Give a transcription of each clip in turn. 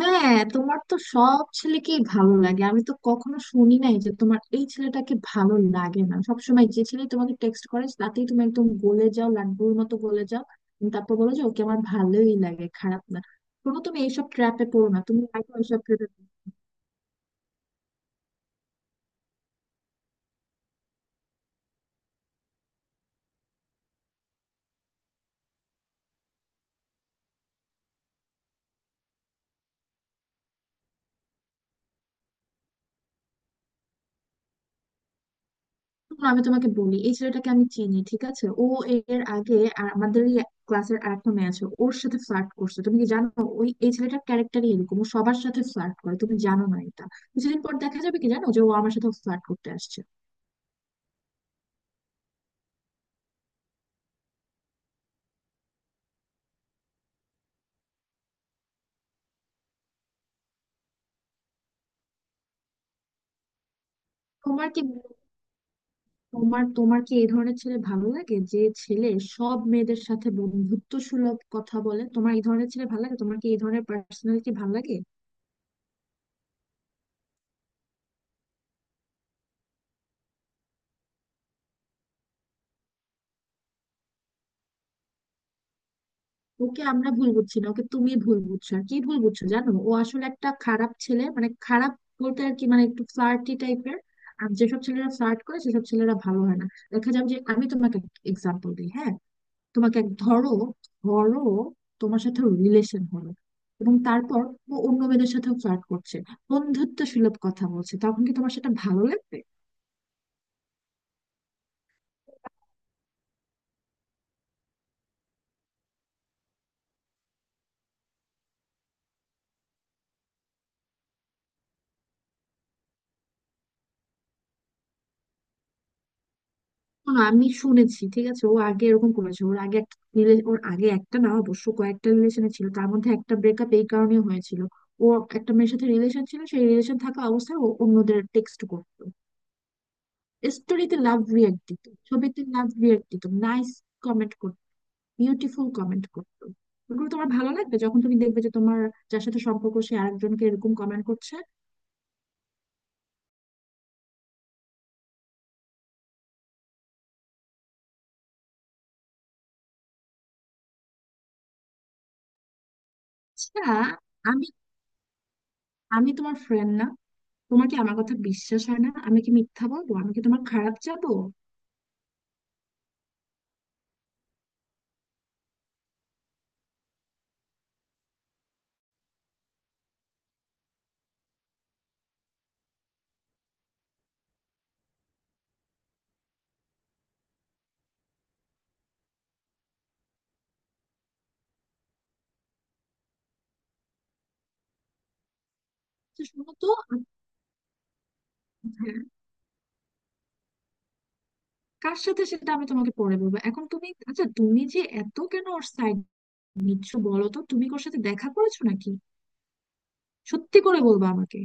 হ্যাঁ, তোমার তো সব ছেলেকেই ভালো লাগে। আমি তো কখনো শুনি নাই যে তোমার এই ছেলেটাকে ভালো লাগে না। সবসময় যে ছেলে তোমাকে টেক্সট করে তাতেই তুমি একদম গলে যাও, লাড্ডুর মতো গলে যাও। তারপর বলো যে ওকে আমার ভালোই লাগে, খারাপ না। কোনো তুমি এইসব ট্র্যাপে পড়ো না, তুমি আগে এইসব ট্র্যাপে। শোনো, আমি তোমাকে বলি, এই ছেলেটাকে আমি চিনি, ঠিক আছে? ও এর আগে আর আমাদের ইয়ে ক্লাসের আরেকটা মেয়ে আছে, ওর সাথে ফ্লার্ট করছে। তুমি কি জানো? ওই এই ছেলেটার ক্যারেক্টারই এরকম, ও সবার সাথে ফ্লার্ট করে। তুমি জানো না এটা। কিছুদিন পর দেখা যাবে, কি জানো, যে ও আমার সাথে ফ্লার্ট করতে আসছে। তোমার কি, তোমার তোমার কি এই ধরনের ছেলে ভালো লাগে? যে ছেলে সব মেয়েদের সাথে বন্ধুত্ব সুলভ কথা বলে, তোমার এই ধরনের ছেলে ভালো লাগে? তোমার কি এই ধরনের পার্সোনালিটি ভালো লাগে? ওকে আমরা ভুল বুঝছি না, ওকে তুমি ভুল বুঝছো আর কি। ভুল বুঝছো জানো, ও আসলে একটা খারাপ ছেলে। মানে খারাপ বলতে আর কি, মানে একটু ফ্লার্টি টাইপের। আর যেসব ছেলেরা ফ্লার্ট করে, সেসব ছেলেরা ভালো হয় না। দেখা যাবে যে, আমি তোমাকে এক্সাম্পল দিই, হ্যাঁ। ধরো, ধরো তোমার সাথে রিলেশন হলো, এবং তারপর ও অন্য মেয়েদের সাথেও ফ্লার্ট করছে, বন্ধুত্ব সুলভ কথা বলছে। তখন কি তোমার সেটা ভালো লাগবে? শোনো, আমি শুনেছি, ঠিক আছে? ও আগে এরকম করেছে। ওর আগে একটা না, অবশ্য কয়েকটা রিলেশনে ছিল। তার মধ্যে একটা ব্রেকআপ এই কারণে হয়েছিল। ও একটা মেয়ের সাথে রিলেশন ছিল, সেই রিলেশন থাকা অবস্থায় ও অন্যদের টেক্সট করতো। স্টোরিতে লাভ রিয়াক্ট দিত, ছবিতে লাভ রিয়াক্ট দিত, নাইস কমেন্ট করতো, বিউটিফুল কমেন্ট করতো। ওগুলো তোমার ভালো লাগবে যখন তুমি দেখবে যে তোমার যার সাথে সম্পর্ক, সে আরেকজনকে এরকম কমেন্ট করছে? আচ্ছা, আমি, আমি তোমার ফ্রেন্ড না? তোমার কি আমার কথা বিশ্বাস হয় না? আমি কি মিথ্যা বলবো? আমি কি তোমার খারাপ যাবো? আচ্ছা শোনো তো। হ্যাঁ, কার সাথে সেটা আমি তোমাকে পরে বলবো। এখন তুমি, আচ্ছা তুমি যে এত কেন ওর সাইড নিচ্ছ বলো তো? তুমি কি ওর সাথে দেখা করেছো নাকি? সত্যি করে বলবা আমাকে।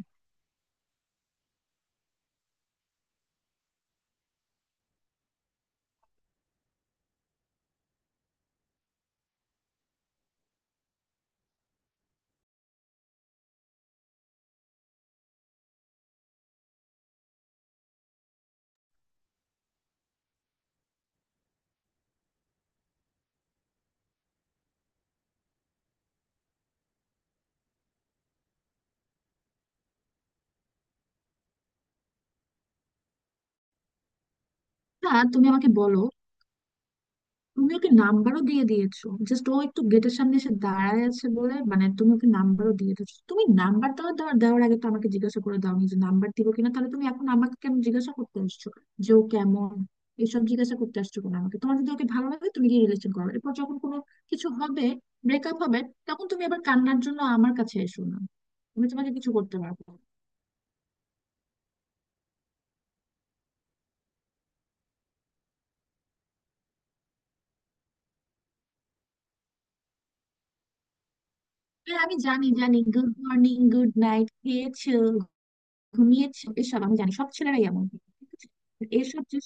না, তুমি আমাকে বলো, তুমি ওকে নাম্বারও দিয়ে দিয়েছো? জাস্ট ও একটু গেটের সামনে এসে দাঁড়ায় আছে বলে মানে তুমি ওকে নাম্বারও দিয়ে দিয়েছো? তুমি নাম্বার দেওয়ার দেওয়ার দেওয়ার আগে তো আমাকে জিজ্ঞাসা করে দাওনি যে নাম্বার দিব কিনা। তাহলে তুমি এখন আমাকে কেন জিজ্ঞাসা করতে আসছো যে ও কেমন? এসব জিজ্ঞাসা করতে আসছো কেন আমাকে? তোমার যদি ওকে ভালো লাগে, তুমি গিয়ে রিলেশন করো। এরপর যখন কোনো কিছু হবে, ব্রেকআপ হবে, তখন তুমি আবার কান্নার জন্য আমার কাছে এসো না। আমি তোমাকে কিছু করতে পারবো না। হ্যাঁ আমি জানি, জানি, গুড মর্নিং, গুড নাইট, খেয়েছো, ঘুমিয়েছো, এসব আমি জানি। সব ছেলেরাই এমন, ঠিক আছে? এসব যে,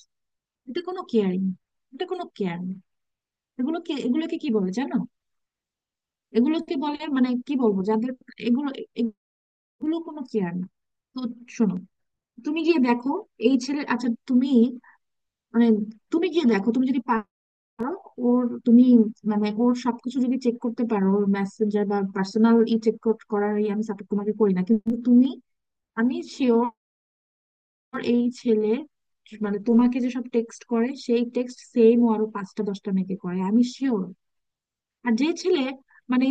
এটা কোনো কেয়ারিং, এটা কোনো কেয়ার না। এগুলোকে এগুলোকে কি বলে জানো? এগুলোকে বলে, মানে কি বলবো যাদের, এগুলো, এগুলো কোনো কেয়ার না। তো শোনো, তুমি গিয়ে দেখো এই ছেলে, আচ্ছা তুমি মানে তুমি গিয়ে দেখো, তুমি যদি পারো ওর, তুমি মানে ওর সবকিছু যদি চেক করতে পারো, ওর মেসেঞ্জার বা পার্সোনাল ই চেক করার এই আমি সাপোর্ট তোমাকে করি না, কিন্তু তুমি, আমি শিওর এই ছেলে মানে তোমাকে যেসব টেক্সট করে সেই টেক্সট সেম ও আরো পাঁচটা দশটা মেয়েকে করে, আমি শিওর। আর যে ছেলে মানে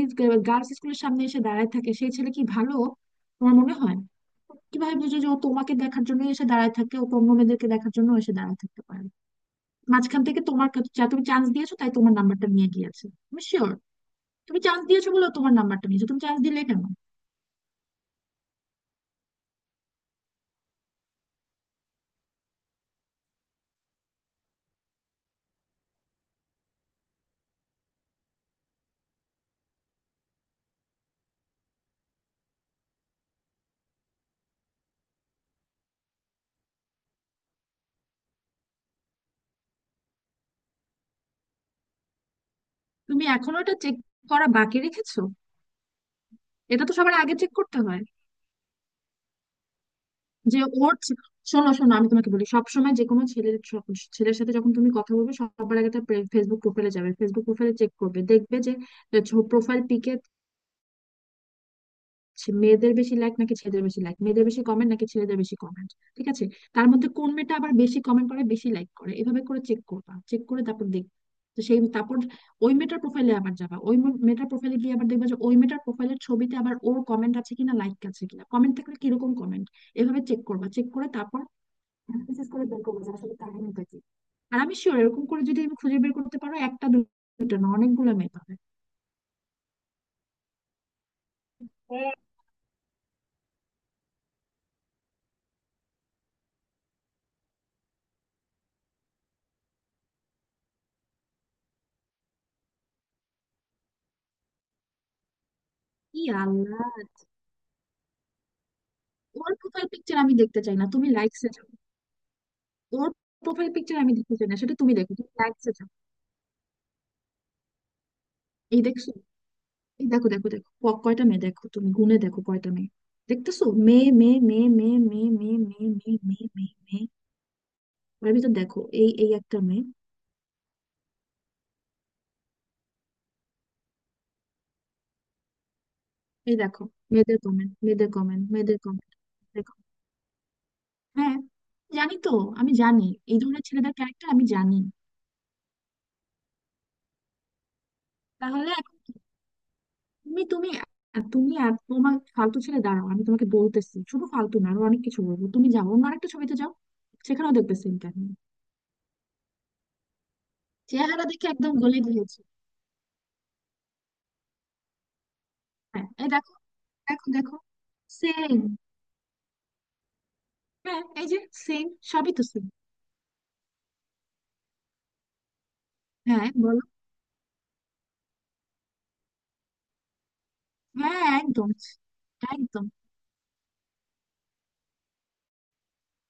গার্লস স্কুলের সামনে এসে দাঁড়ায় থাকে, সেই ছেলে কি ভালো তোমার মনে হয়? কিভাবে বুঝো যে ও তোমাকে দেখার জন্য এসে দাঁড়ায় থাকে? ও অন্য মেয়েদেরকে দেখার জন্য এসে দাঁড়ায় থাকতে পারে। মাঝখান থেকে তোমার কাছে যা তুমি চান্স দিয়েছো, তাই তোমার নাম্বারটা নিয়ে গিয়েছে। তুমি শিওর তুমি চান্স দিয়েছো বলে ও তোমার নাম্বারটা নিয়েছো। তুমি চান্স দিলে কেন? তুমি এখনো এটা চেক করা বাকি রেখেছো? এটা তো সবার আগে চেক করতে হয়। যে ওর শোনো, শোনো আমি তোমাকে বলি, সবসময় যে কোনো ছেলের সাথে যখন তুমি কথা বলবে, সবার আগে তার ফেসবুক প্রোফাইলে যাবে, ফেসবুক প্রোফাইলে চেক করবে, দেখবে যে প্রোফাইল পিকে মেয়েদের বেশি লাইক নাকি ছেলেদের বেশি লাইক, মেয়েদের বেশি কমেন্ট নাকি ছেলেদের বেশি কমেন্ট, ঠিক আছে? তার মধ্যে কোন মেয়েটা আবার বেশি কমেন্ট করে, বেশি লাইক করে, এভাবে করে চেক করবা। চেক করে তারপর দেখবে, তো সেই তারপর ওই মেয়েটার প্রোফাইলে আবার যাবা, ওই মেয়েটার প্রোফাইলে গিয়ে আবার দেখবা যে ওই মেয়েটার প্রোফাইলের ছবিতে আবার ওর কমেন্ট আছে কিনা, লাইক আছে কিনা, কমেন্ট থাকলে কিরকম কমেন্ট, এভাবে চেক করবা। চেক করে তারপর অ্যানালিসিস করে বের করবো যে আসলে কাহিনীটা কি। আর আমি শিওর, এরকম করে যদি আমি খুঁজে বের করতে পারো, একটা দুটো না, অনেকগুলো মেয়ে পাবে। হ্যাঁ, ই আল্লাহ! ওর প্রোফাইল পিকচার আমি দেখতে চাই না, তুমি লাইকসে যাও। ওর প্রোফাইল পিকচার আমি দেখতে চাই না, সেটা তুমি দেখো, তুমি লাইকসে যাও। এই দেখছো? এই দেখো, দেখো, দেখো, কয়টা মেয়ে দেখো, তুমি গুনে দেখো কয়টা মেয়ে। দেখতেছো, মেয়ে, মেয়ে, মেয়ে, মেয়ে, মেয়ে, মেয়ে, মেয়ে, মেয়ে, মেয়ে, মেয়ে, মেয়ে। ওর ভিতর দেখো, এই এই একটা মেয়ে। এই দেখো, মেয়েদের কমেন্ট, মেয়েদের কমেন্ট, মেয়েদের কমেন্ট। হ্যাঁ, জানি তো, আমি জানি, এই ধরনের ছেলেদের ক্যারেক্টার আমি জানি। তাহলে এখন কি? তুমি, তুমি, তুমি আর তোমার ফালতু ছেলে। দাঁড়াও, আমি তোমাকে বলতেছি, শুধু ফালতু না, আরো অনেক কিছু বলবো। তুমি যাও অন্য আরেকটা ছবিতে যাও, সেখানেও দেখবে সেম কাহিনী। চেহারা দেখে একদম গলে দিয়েছে। হ্যাঁ এই দেখো, দেখো দেখো, সেম। হ্যাঁ এই যে, সেম, সবই তো সেম। হ্যাঁ বলো। হ্যাঁ, একদম। একদম।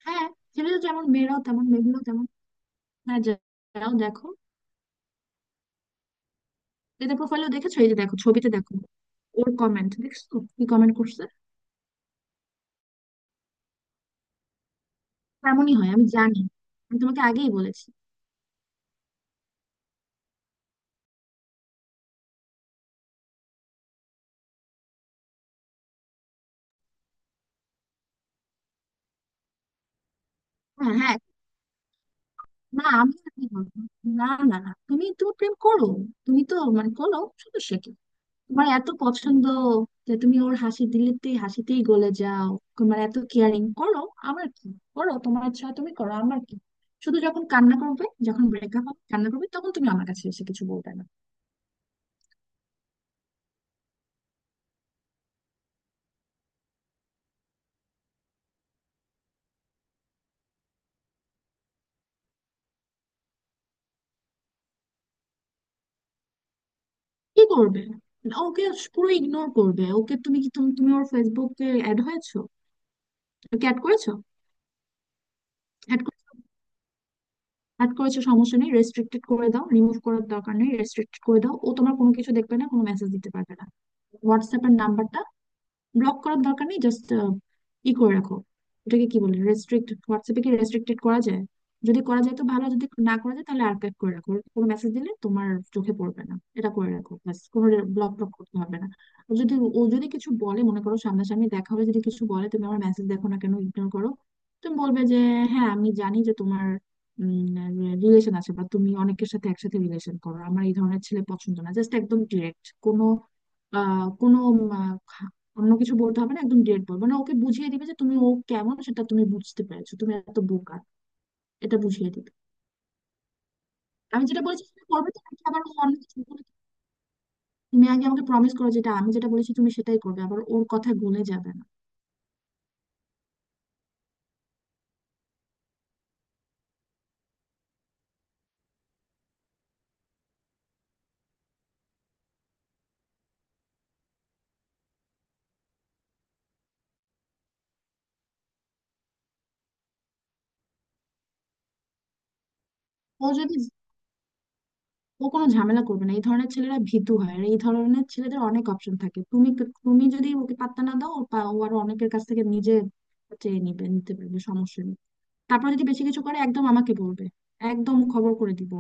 হ্যাঁ, ছেলেরা যেমন, মেয়েরাও তেমন, মেয়েগুলো তেমন। হ্যাঁ, যাও দেখো। ডেটা প্রোফাইলও দেখেছো? এই যে দেখো, ছবিতে দেখো, ওর কমেন্ট দেখছো, কি কমেন্ট করছে। তেমনই হয়, আমি জানি, আমি তোমাকে আগেই বলেছি। হ্যাঁ হ্যাঁ, না আমি কি বলবো? না না না, তুমি তুমি প্রেম করো, তুমি তো মানে করো, সমস্যা কি? তোমার এত পছন্দ যে তুমি ওর হাসি দিলেতেই, হাসিতেই গলে যাও। তোমার এত কেয়ারিং করো, আমার কি? করো, তোমার ইচ্ছা হয় তুমি করো, আমার কি? শুধু যখন কান্না করবে, যখন ব্রেকআপ হবে, কান্না করবে, তখন তুমি আমার কাছে এসে কিছু বলবে না। কি করবে? ওকে পুরো ইগনোর করবে। ওকে তুমি কি, তুমি তুমি ওর ফেসবুকে অ্যাড হয়েছো? ওকে অ্যাড করেছো? অ্যাড করেছো? অ্যাড করেছো সমস্যা নেই, রেস্ট্রিক্টেড করে দাও। রিমুভ করার দরকার নেই, রেস্ট্রিক্টেড করে দাও। ও তোমার কোনো কিছু দেখবে না, কোনো মেসেজ দিতে পারবে না। হোয়াটসঅ্যাপের নাম্বারটা ব্লক করার দরকার নেই, জাস্ট ই করে রাখো। ওটাকে কি বলে, রেস্ট্রিক্ট। হোয়াটসঅ্যাপে কি রেস্ট্রিক্টেড করা যায়? যদি করা যায় তো ভালো। যদি না করা যায় তাহলে আর্কাইভ করে রাখো, কোনো মেসেজ দিলে তোমার চোখে পড়বে না, এটা করে রাখো, ব্যাস। কোনো ব্লক টক করতে হবে না। আর যদি ও যদি কিছু বলে, মনে করো সামনাসামনি দেখা হলে যদি কিছু বলে, তুমি আমার মেসেজ দেখো না কেন, ইগনোর করো। তুমি বলবে যে হ্যাঁ, আমি জানি যে তোমার রিলেশন আছে, বা তুমি অনেকের সাথে একসাথে রিলেশন করো, আমার এই ধরনের ছেলে পছন্দ না। জাস্ট একদম ডিরেক্ট, কোনো কোনো অন্য কিছু বলতে হবে না, একদম ডিরেক্ট বলবো। মানে ওকে বুঝিয়ে দিবে যে তুমি ও কেমন সেটা তুমি বুঝতে পেরেছো, তুমি এত বোকা, এটা বুঝিয়ে দিবে। আমি যেটা বলেছি সেটা করবে তো, নাকি আবার ও অন্য কিছু বলবে? তুমি আগে আমাকে প্রমিস করো, যেটা আমি যেটা বলেছি তুমি সেটাই করবে, আবার ওর কথায় গলে যাবে না। ও যদি ও কোনো ঝামেলা করবে না, এই ধরনের ছেলেরা ভীতু হয়। আর এই ধরনের ছেলেদের অনেক অপশন থাকে। তুমি, তুমি যদি ওকে পাত্তা না দাও, ও ও আরো অনেকের কাছ থেকে নিজে চেয়ে নিবে, নিতে পারবে, সমস্যা নেই। তারপর যদি বেশি কিছু করে, একদম আমাকে বলবে, একদম খবর করে দিব।